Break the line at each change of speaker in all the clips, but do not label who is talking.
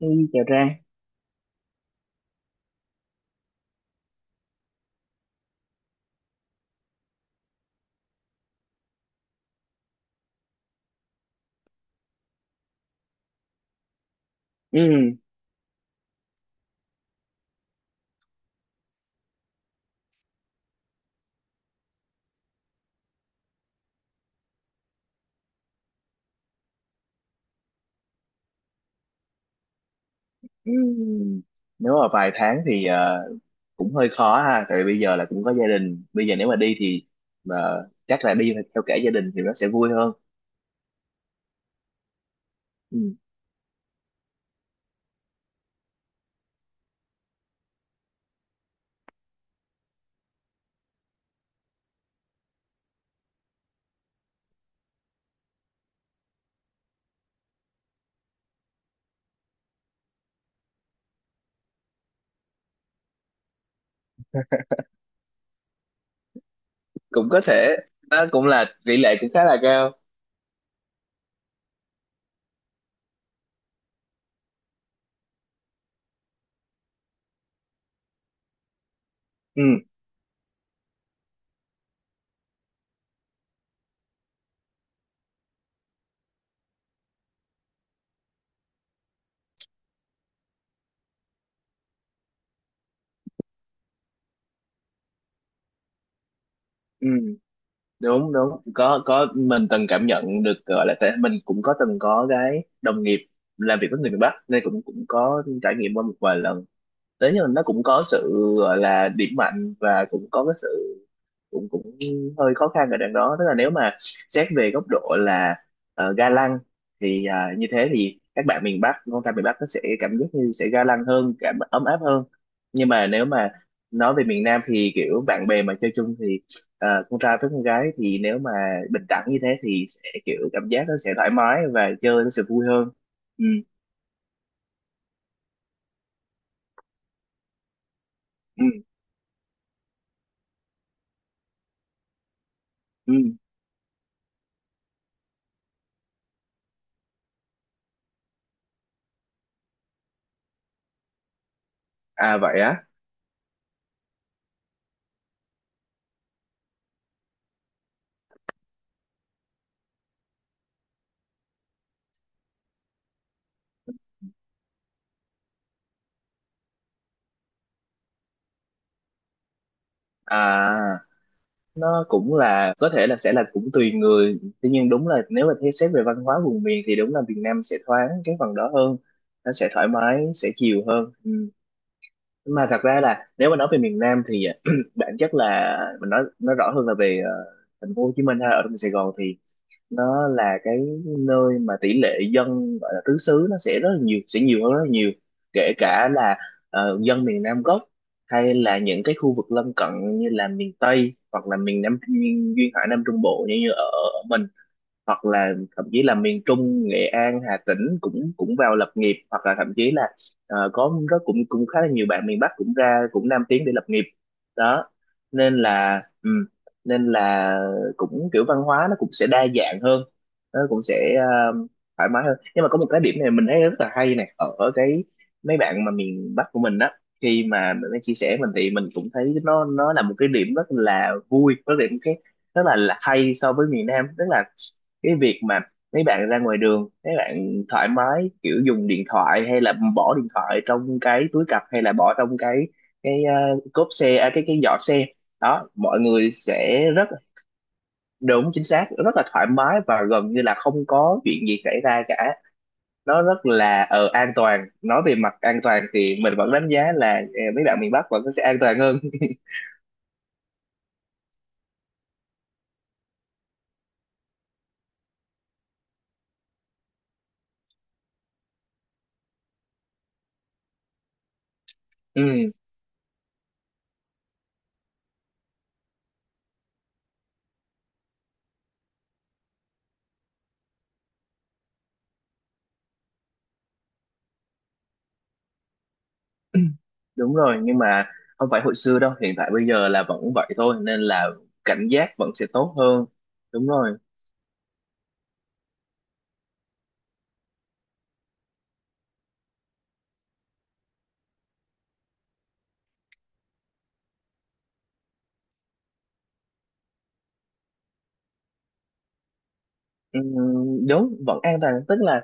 Hey, chào Trang. Ừ. Ừ. Nếu mà vài tháng thì cũng hơi khó ha, tại vì bây giờ là cũng có gia đình. Bây giờ nếu mà đi thì mà chắc là đi theo cả gia đình thì nó sẽ vui hơn. Ừ. Cũng có thể, đó cũng là tỷ lệ cũng khá là cao. Ừ. Ừ. Đúng đúng. Có mình từng cảm nhận được gọi là tại mình cũng có từng có cái đồng nghiệp làm việc với người miền Bắc nên cũng cũng có trải nghiệm qua một vài lần. Thế nhưng mà nó cũng có sự gọi là điểm mạnh và cũng có cái sự cũng cũng hơi khó khăn ở đằng đó, tức là nếu mà xét về góc độ là ga lăng thì như thế thì các bạn miền Bắc con trai miền Bắc nó sẽ cảm giác như sẽ ga lăng hơn, cảm ấm áp hơn. Nhưng mà nếu mà nói về miền Nam thì kiểu bạn bè mà chơi chung thì con trai với con gái thì nếu mà bình đẳng như thế thì sẽ kiểu cảm giác nó sẽ thoải mái và chơi nó sẽ vui hơn. Ừ. Ừ. Ừ. À vậy á. à nó cũng là có thể là sẽ là cũng tùy người, tuy nhiên đúng là nếu mà thế xét về văn hóa vùng miền thì đúng là Việt Nam sẽ thoáng cái phần đó hơn, nó sẽ thoải mái sẽ chiều hơn. Ừ. Mà thật ra là nếu mà nói về miền Nam thì bản chất là mình nói rõ hơn là về thành phố Hồ Chí Minh hay ở trong Sài Gòn thì nó là cái nơi mà tỷ lệ dân gọi là tứ xứ nó sẽ rất là nhiều, sẽ nhiều hơn rất là nhiều, kể cả là dân miền Nam gốc hay là những cái khu vực lân cận như là miền Tây, hoặc là miền Nam, miền duyên hải Nam Trung Bộ, như ở mình, hoặc là thậm chí là miền Trung, Nghệ An, Hà Tĩnh cũng cũng vào lập nghiệp, hoặc là thậm chí là có cũng cũng khá là nhiều bạn miền Bắc cũng ra, cũng Nam tiến để lập nghiệp đó. Nên là nên là cũng kiểu văn hóa nó cũng sẽ đa dạng hơn, nó cũng sẽ thoải mái hơn. Nhưng mà có một cái điểm này mình thấy rất là hay này, ở ở cái mấy bạn mà miền Bắc của mình đó, khi mà mình mới chia sẻ mình thì mình cũng thấy nó là một cái điểm rất là vui, rất là một cái rất là hay so với miền Nam, tức là cái việc mà mấy bạn ra ngoài đường mấy bạn thoải mái kiểu dùng điện thoại, hay là bỏ điện thoại trong cái túi cặp, hay là bỏ trong cốp xe, à, cái giỏ xe đó, mọi người sẽ rất đúng chính xác, rất là thoải mái và gần như là không có chuyện gì xảy ra cả. Nó rất là an toàn. Nói về mặt an toàn thì mình vẫn đánh giá là mấy bạn miền Bắc vẫn sẽ an toàn hơn. Ừ, đúng rồi. Nhưng mà không phải hồi xưa đâu, hiện tại bây giờ là vẫn vậy thôi, nên là cảnh giác vẫn sẽ tốt hơn. Đúng rồi. Đúng vẫn an toàn, tức là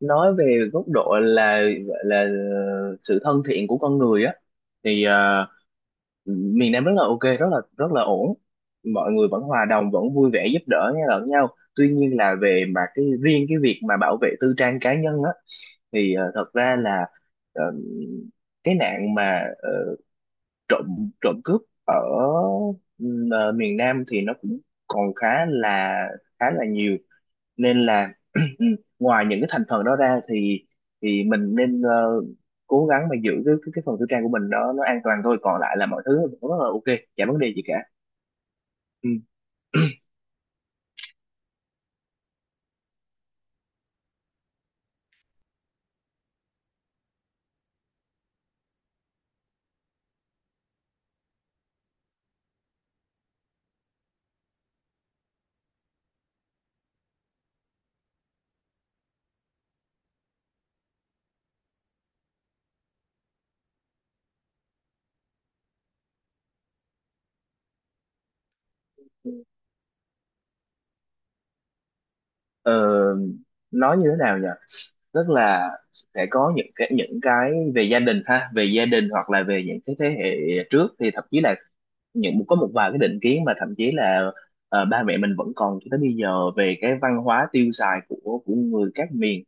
nói về góc độ là gọi là sự thân thiện của con người á, thì miền Nam rất là ok, rất là ổn, mọi người vẫn hòa đồng, vẫn vui vẻ giúp đỡ nhau lẫn nhau. Tuy nhiên là về mà cái riêng cái việc mà bảo vệ tư trang cá nhân á thì thật ra là ờ, cái nạn mà trộm trộm cướp ở ờ, miền Nam thì nó cũng còn khá là nhiều. Nên là ngoài những cái thành phần đó ra thì mình nên cố gắng mà giữ cái phần tư trang của mình đó nó an toàn thôi, còn lại là mọi thứ rất là ok, chả vấn đề gì cả. Ừm. Ờ, nói như thế nào nhỉ, tức là sẽ có những cái về gia đình ha, về gia đình hoặc là về những cái thế hệ trước thì thậm chí là có một vài cái định kiến mà thậm chí là ba mẹ mình vẫn còn cho tới bây giờ về cái văn hóa tiêu xài của người các miền.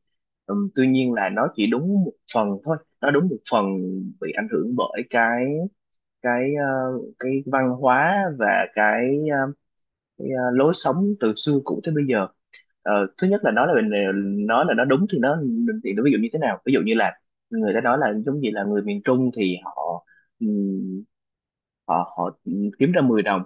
Tuy nhiên là nó chỉ đúng một phần thôi, nó đúng một phần, bị ảnh hưởng bởi cái ờ, cái văn hóa và cái lối sống từ xưa cũ tới bây giờ. Thứ nhất là nói là nói là nó đúng thì nó ví dụ như thế nào, ví dụ như là người ta nói là giống như là người miền Trung thì họ ừm, họ họ kiếm ra 10 đồng,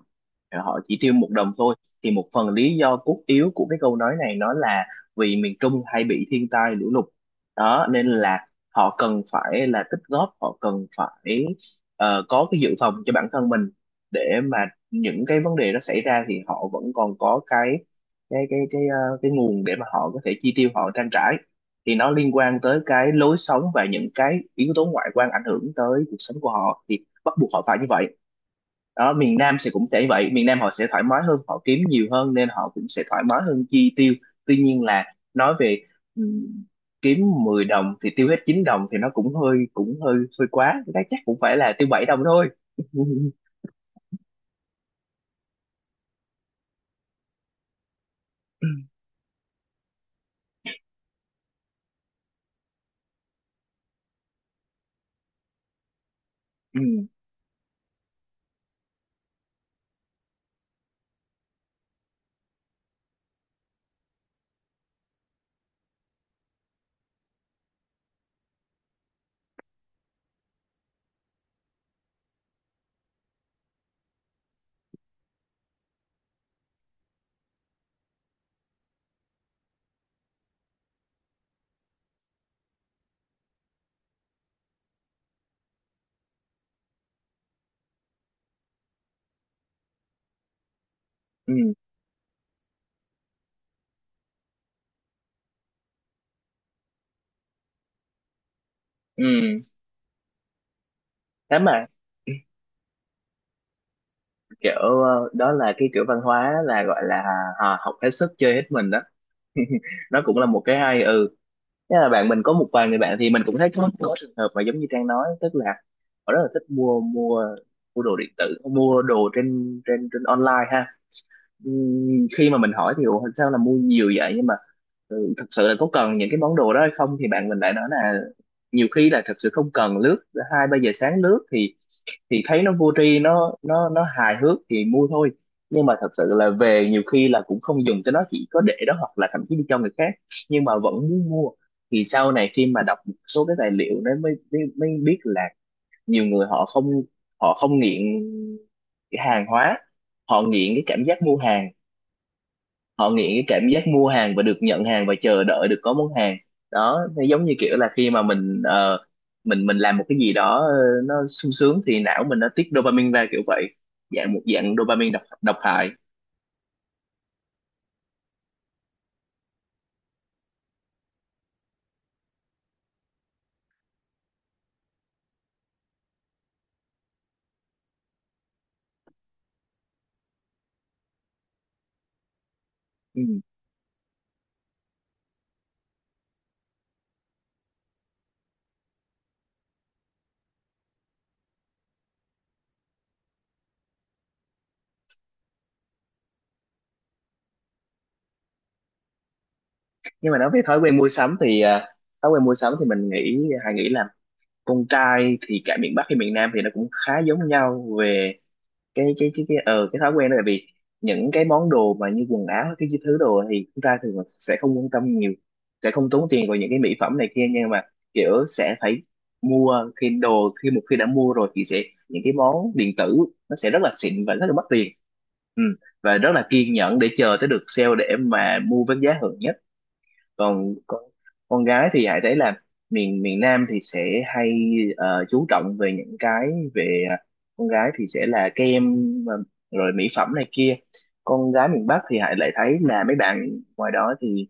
họ chỉ tiêu 1 đồng thôi. Thì một phần lý do cốt yếu của cái câu nói này nó là vì miền Trung hay bị thiên tai lũ lụt đó, nên là họ cần phải là tích góp, họ cần phải có cái dự phòng cho bản thân mình, để mà những cái vấn đề đó xảy ra thì họ vẫn còn có cái nguồn để mà họ có thể chi tiêu, họ trang trải. Thì nó liên quan tới cái lối sống và những cái yếu tố ngoại quan ảnh hưởng tới cuộc sống của họ thì bắt buộc họ phải như vậy đó. Miền Nam sẽ cũng sẽ như vậy, miền Nam họ sẽ thoải mái hơn, họ kiếm nhiều hơn nên họ cũng sẽ thoải mái hơn chi tiêu. Tuy nhiên là nói về ừ, kiếm 10 đồng thì tiêu hết 9 đồng thì nó cũng hơi hơi quá, cái đó chắc cũng phải là tiêu 7 đồng thôi. Ừ. Ừ. Ừ. Thế mà kiểu đó là cái kiểu văn hóa là gọi là học hết sức chơi hết mình đó. Nó cũng là một cái hay. Ừ. Thế là bạn mình có một vài người bạn thì mình cũng thấy có trường hợp mà giống như Trang nói, tức là họ rất là thích mua mua mua đồ điện tử, mua đồ trên trên trên online ha. Khi mà mình hỏi thì "Ủa, sao là mua nhiều vậy nhưng mà thật sự là có cần những cái món đồ đó hay không", thì bạn mình lại nói là nhiều khi là thật sự không cần, lướt hai ba giờ sáng lướt thì thấy nó vô tri, nó hài hước thì mua thôi. Nhưng mà thật sự là về nhiều khi là cũng không dùng cho nó, chỉ có để đó hoặc là thậm chí đi cho người khác, nhưng mà vẫn muốn mua. Thì sau này khi mà đọc một số cái tài liệu đấy mới mới, mới biết là nhiều người họ không nghiện cái hàng hóa, họ nghiện cái cảm giác mua hàng, họ nghiện cái cảm giác mua hàng và được nhận hàng và chờ đợi được có món hàng đó. Nó giống như kiểu là khi mà mình mình làm một cái gì đó nó sung sướng thì não mình nó tiết dopamine ra kiểu vậy, một dạng dopamine độc độc hại. Ừ. Nhưng mà nói về thói quen mua sắm thì mình nghĩ, hay nghĩ là con trai thì cả miền Bắc hay miền Nam thì nó cũng khá giống nhau về cái thói quen đó, là vì những cái món đồ mà như quần áo cái thứ đồ thì chúng ta thường là sẽ không quan tâm nhiều, sẽ không tốn tiền vào những cái mỹ phẩm này kia, nhưng mà kiểu sẽ phải mua khi đồ, khi một khi đã mua rồi thì sẽ những cái món điện tử nó sẽ rất là xịn và rất là mất tiền. Ừ. Và rất là kiên nhẫn để chờ tới được sale để mà mua với giá hời nhất. Còn con gái thì Hải thấy là miền miền Nam thì sẽ hay chú trọng về những cái về con gái thì sẽ là kem ờ, rồi mỹ phẩm này kia. Con gái miền Bắc thì Hải lại thấy là mấy bạn ngoài đó thì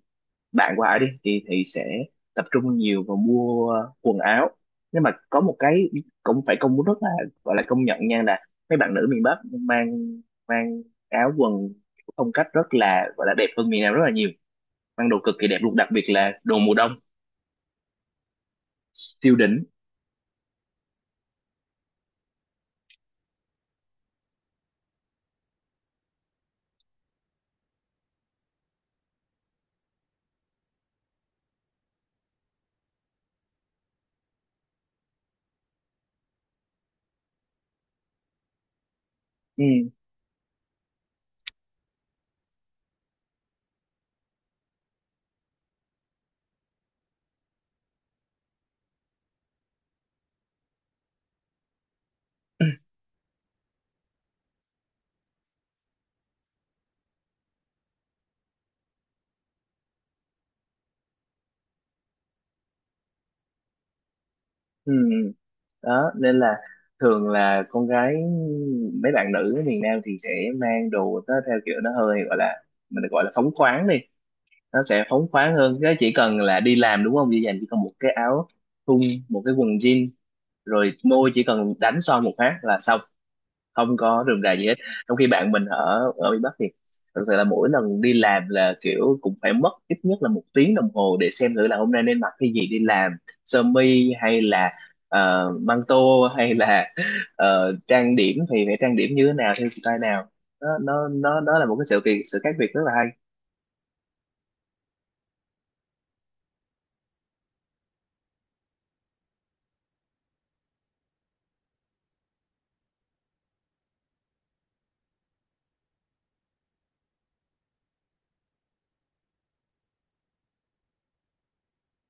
bạn của Hải đi thì sẽ tập trung nhiều vào mua quần áo. Nhưng mà có một cái cũng phải công rất là gọi là công nhận nha là mấy bạn nữ miền Bắc mang mang áo quần phong cách rất là gọi là đẹp hơn miền Nam rất là nhiều, ăn đồ cực kỳ đẹp luôn, đặc biệt là đồ mùa đông siêu đỉnh. Ừ. Ừ. Đó nên là thường là con gái, mấy bạn nữ ở miền Nam thì sẽ mang đồ nó theo kiểu nó hơi gọi là, mình gọi là phóng khoáng đi, nó sẽ phóng khoáng hơn, cái chỉ cần là đi làm đúng không, dễ dàng, chỉ cần một cái áo thun, một cái quần jean, rồi môi chỉ cần đánh son một phát là xong, không có rườm rà gì hết. Trong khi bạn mình ở ở miền Bắc thì thật sự là mỗi lần đi làm là kiểu cũng phải mất ít nhất là 1 tiếng đồng hồ để xem thử là hôm nay nên mặc cái gì đi làm, sơ mi hay là măng tô, hay là trang điểm thì phải trang điểm như thế nào, theo style nào. Nó Đó là một cái sự việc sự khác biệt rất là hay.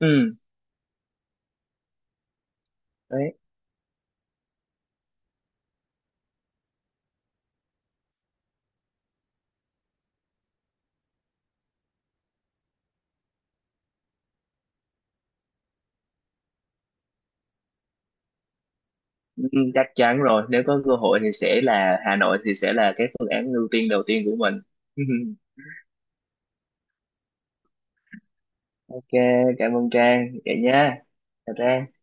Ừ. Đấy. Ừ, chắc chắn rồi, nếu có cơ hội thì sẽ là Hà Nội thì sẽ là cái phương án ưu tiên đầu tiên của mình. Ok, cảm ơn Trang vậy nha. Chào Trang.